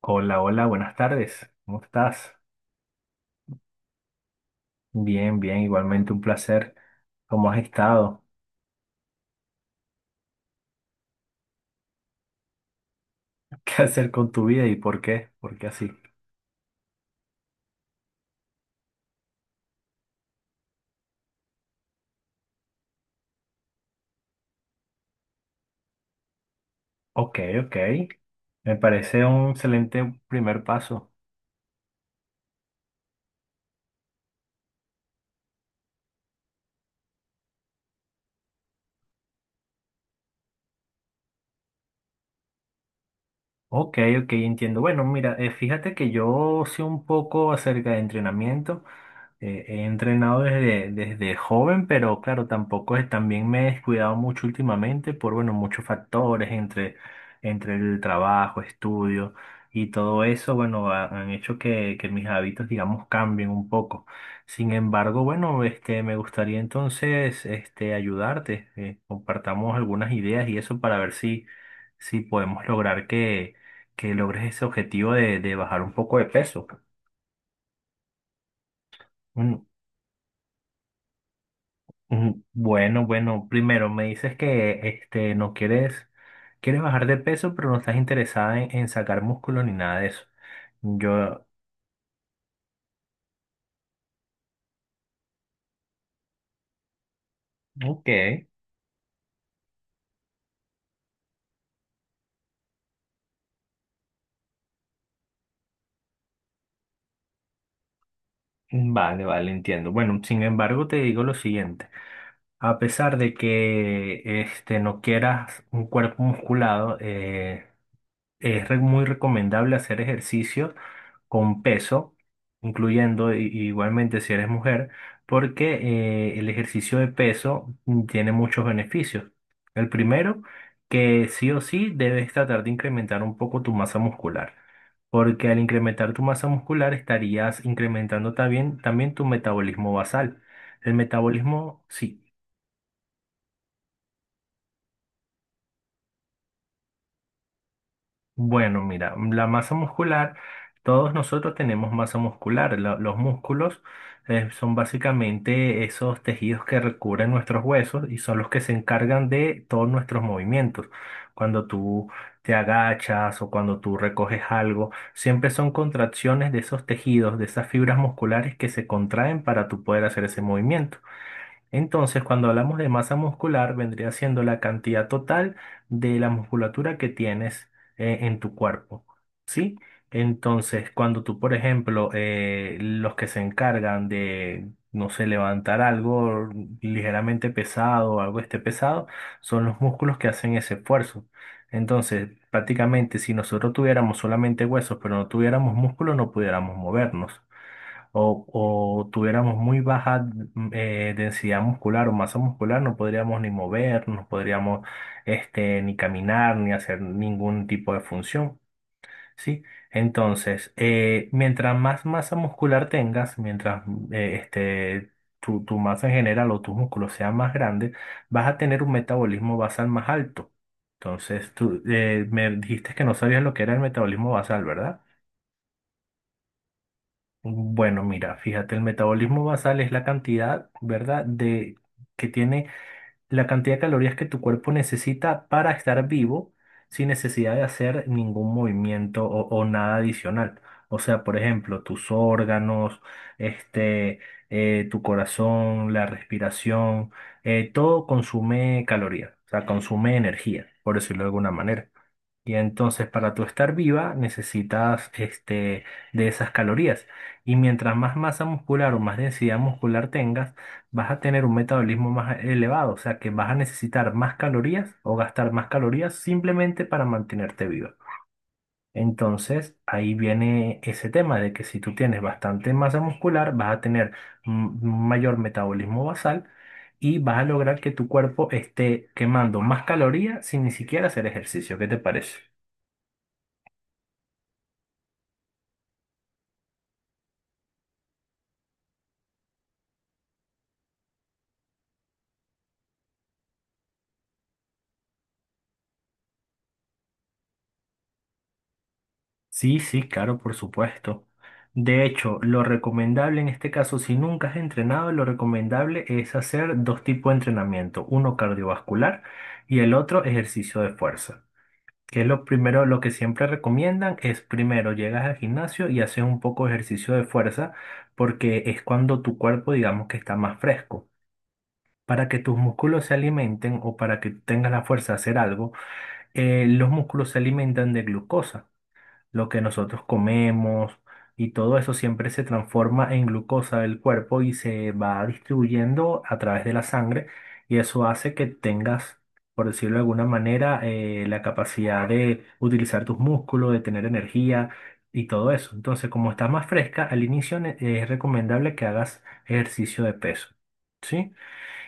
Hola, hola, buenas tardes. ¿Cómo estás? Bien, bien, igualmente un placer. ¿Cómo has estado? ¿Qué hacer con tu vida y por qué? ¿Por qué así? Ok, ok. Me parece un excelente primer paso. Ok, ok, entiendo. Bueno, mira, fíjate que yo sé un poco acerca de entrenamiento. He entrenado desde joven, pero claro, tampoco es, también me he descuidado mucho últimamente por, bueno, muchos factores entre el trabajo, estudio y todo eso, bueno, han hecho que mis hábitos, digamos, cambien un poco. Sin embargo, bueno, este, me gustaría entonces, este, ayudarte, compartamos algunas ideas y eso para ver si podemos lograr que logres ese objetivo de bajar un poco de peso. Mm. Mm, bueno, bueno, primero me dices que este no quieres, quieres bajar de peso, pero no estás interesada en sacar músculo ni nada de eso. Yo, ok, vale, vale, entiendo. Bueno, sin embargo, te digo lo siguiente. A pesar de que este no quieras un cuerpo musculado, muy recomendable hacer ejercicio con peso, incluyendo igualmente si eres mujer, porque el ejercicio de peso tiene muchos beneficios. El primero, que sí o sí debes tratar de incrementar un poco tu masa muscular, porque al incrementar tu masa muscular estarías incrementando también tu metabolismo basal. El metabolismo, sí, bueno, mira, la masa muscular, todos nosotros tenemos masa muscular. Los músculos son básicamente esos tejidos que recubren nuestros huesos y son los que se encargan de todos nuestros movimientos. Cuando tú te agachas o cuando tú recoges algo, siempre son contracciones de esos tejidos, de esas fibras musculares que se contraen para tú poder hacer ese movimiento. Entonces, cuando hablamos de masa muscular, vendría siendo la cantidad total de la musculatura que tienes en tu cuerpo, ¿sí? Entonces, cuando tú, por ejemplo, los que se encargan de, no sé, levantar algo ligeramente pesado o algo esté pesado, son los músculos que hacen ese esfuerzo. Entonces, prácticamente, si nosotros tuviéramos solamente huesos, pero no tuviéramos músculo, no pudiéramos movernos o, o tuviéramos muy baja densidad muscular o masa muscular, no podríamos ni movernos, no podríamos este, ni caminar, ni hacer ningún tipo de función, ¿sí? Entonces, mientras más masa muscular tengas, mientras eh, este, tu masa en general o tus músculos sean más grandes, vas a tener un metabolismo basal más alto. Entonces, tú me dijiste que no sabías lo que era el metabolismo basal, ¿verdad? Bueno, mira, fíjate, el metabolismo basal es la cantidad, ¿verdad?, de que tiene la cantidad de calorías que tu cuerpo necesita para estar vivo sin necesidad de hacer ningún movimiento o nada adicional. O sea, por ejemplo, tus órganos, este, tu corazón, la respiración, todo consume calorías, o sea, consume energía, por decirlo de alguna manera. Y entonces para tú estar viva necesitas este, de esas calorías. Y mientras más masa muscular o más densidad muscular tengas, vas a tener un metabolismo más elevado. O sea que vas a necesitar más calorías o gastar más calorías simplemente para mantenerte viva. Entonces ahí viene ese tema de que si tú tienes bastante masa muscular, vas a tener un mayor metabolismo basal y vas a lograr que tu cuerpo esté quemando más calorías sin ni siquiera hacer ejercicio. ¿Qué te parece? Sí, sí, claro, por supuesto. De hecho, lo recomendable en este caso, si nunca has entrenado, lo recomendable es hacer dos tipos de entrenamiento, uno cardiovascular y el otro ejercicio de fuerza. Que es lo primero, lo que siempre recomiendan es primero llegas al gimnasio y haces un poco de ejercicio de fuerza porque es cuando tu cuerpo, digamos que está más fresco. Para que tus músculos se alimenten o para que tengas la fuerza de hacer algo, los músculos se alimentan de glucosa lo que nosotros comemos y todo eso siempre se transforma en glucosa del cuerpo y se va distribuyendo a través de la sangre y eso hace que tengas, por decirlo de alguna manera, la capacidad de utilizar tus músculos, de tener energía y todo eso. Entonces, como estás más fresca, al inicio es recomendable que hagas ejercicio de peso. ¿Sí?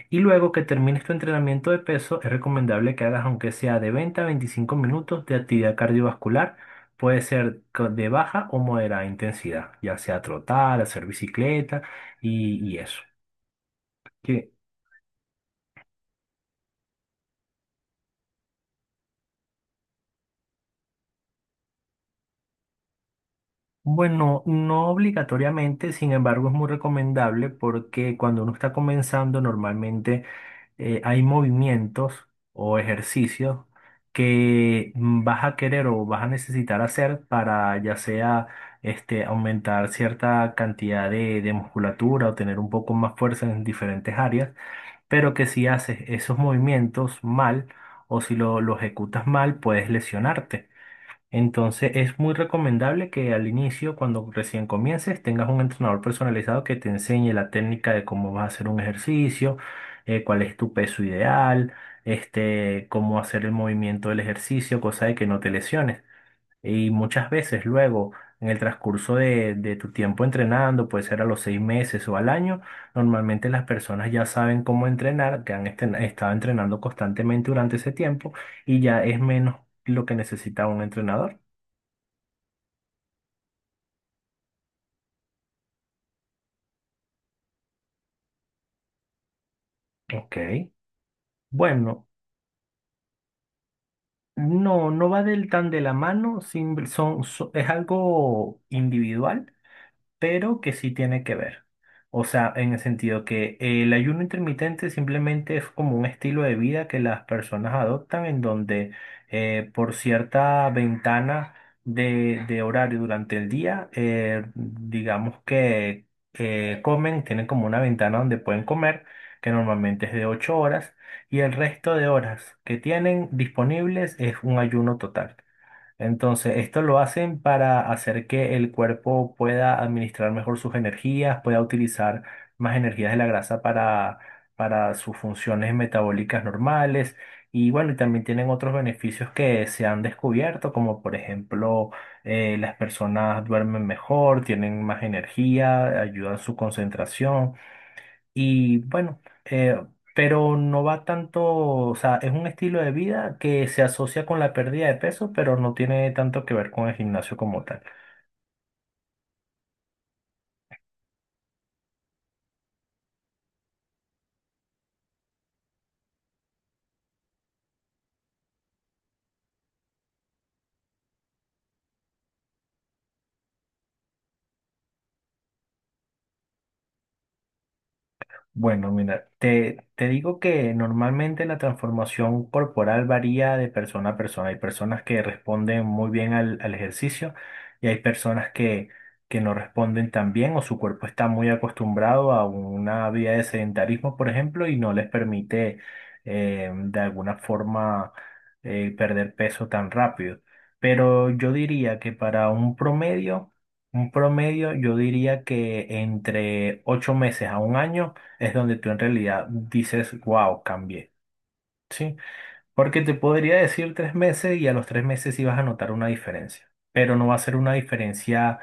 Y luego que termines tu entrenamiento de peso, es recomendable que hagas aunque sea de 20 a 25 minutos de actividad cardiovascular. Puede ser de baja o moderada intensidad, ya sea trotar, hacer bicicleta y eso. Que, bueno, no obligatoriamente, sin embargo, es muy recomendable porque cuando uno está comenzando, normalmente hay movimientos o ejercicios que vas a querer o vas a necesitar hacer para ya sea este, aumentar cierta cantidad de musculatura o tener un poco más fuerza en diferentes áreas, pero que si haces esos movimientos mal o si lo ejecutas mal, puedes lesionarte. Entonces es muy recomendable que al inicio, cuando recién comiences, tengas un entrenador personalizado que te enseñe la técnica de cómo vas a hacer un ejercicio, cuál es tu peso ideal, este, cómo hacer el movimiento del ejercicio, cosa de que no te lesiones. Y muchas veces luego, en el transcurso de tu tiempo entrenando, puede ser a los 6 meses o al año, normalmente las personas ya saben cómo entrenar, que han estado entrenando constantemente durante ese tiempo y ya es menos lo que necesita un entrenador. Ok. Bueno, no, no va del tan de la mano, es algo individual. Pero que sí tiene que ver. O sea, en el sentido que el ayuno intermitente simplemente es como un estilo de vida que las personas adoptan en donde por cierta ventana de horario durante el día, digamos que comen, tienen como una ventana donde pueden comer, que normalmente es de 8 horas, y el resto de horas que tienen disponibles es un ayuno total. Entonces, esto lo hacen para hacer que el cuerpo pueda administrar mejor sus energías, pueda utilizar más energías de la grasa para sus funciones metabólicas normales. Y bueno, y también tienen otros beneficios que se han descubierto, como por ejemplo, las personas duermen mejor, tienen más energía, ayudan su concentración. Y bueno, eh, pero no va tanto, o sea, es un estilo de vida que se asocia con la pérdida de peso, pero no tiene tanto que ver con el gimnasio como tal. Bueno, mira, te digo que normalmente la transformación corporal varía de persona a persona. Hay personas que responden muy bien al ejercicio y hay personas que no responden tan bien o su cuerpo está muy acostumbrado a una vida de sedentarismo, por ejemplo, y no les permite de alguna forma perder peso tan rápido. Pero yo diría que para un promedio, yo diría que entre 8 meses a un año, es donde tú en realidad dices, wow, cambié, ¿sí? Porque te podría decir 3 meses y a los 3 meses sí vas a notar una diferencia, pero no va a ser una diferencia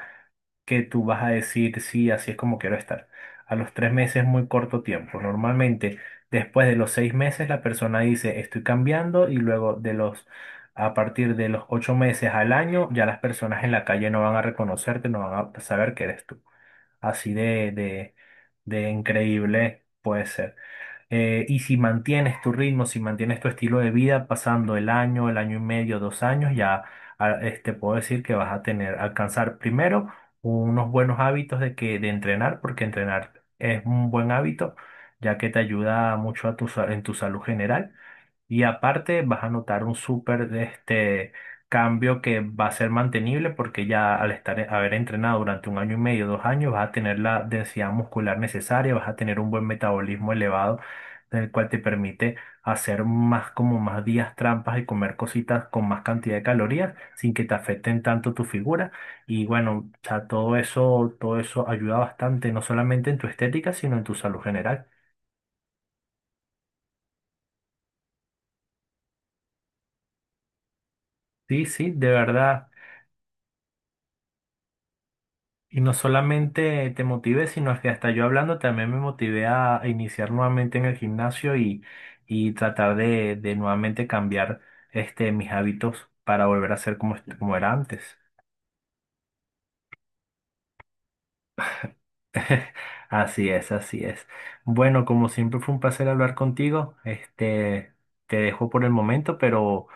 que tú vas a decir, sí, así es como quiero estar. A los tres meses es muy corto tiempo. Normalmente, después de los 6 meses, la persona dice, estoy cambiando y luego de los... A partir de los 8 meses al año, ya las personas en la calle no van a reconocerte, no van a saber que eres tú. Así de increíble puede ser. Y si mantienes tu ritmo, si mantienes tu estilo de vida, pasando el año y medio, 2 años, ya este, puedo decir que vas a tener, alcanzar primero unos buenos hábitos de de entrenar, porque entrenar es un buen hábito, ya que te ayuda mucho a tu, en tu salud general. Y aparte vas a notar un súper este, cambio que va a ser mantenible porque ya al estar, haber entrenado durante un año y medio, dos años, vas a tener la densidad muscular necesaria, vas a tener un buen metabolismo elevado, el cual te permite hacer más como más días trampas y comer cositas con más cantidad de calorías sin que te afecten tanto tu figura. Y bueno, o sea, todo eso ayuda bastante, no solamente en tu estética, sino en tu salud general. Sí, sí, de verdad. Y no solamente te motivé, sino que hasta yo hablando también me motivé a iniciar nuevamente en el gimnasio y tratar de nuevamente cambiar este, mis hábitos para volver a ser como, como era antes. Así es, así es. Bueno, como siempre fue un placer hablar contigo. Este, te dejo por el momento, pero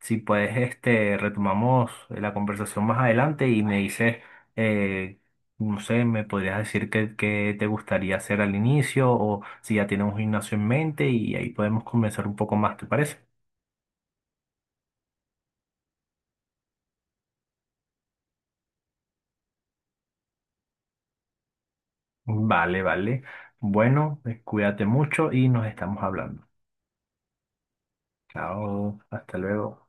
si puedes, este, retomamos la conversación más adelante y me dices, eh, no sé, me podrías decir qué te gustaría hacer al inicio o si ya tienes un gimnasio en mente y ahí podemos comenzar un poco más, ¿te parece? Vale, vale. Bueno, cuídate mucho y nos estamos hablando. Chao, hasta luego.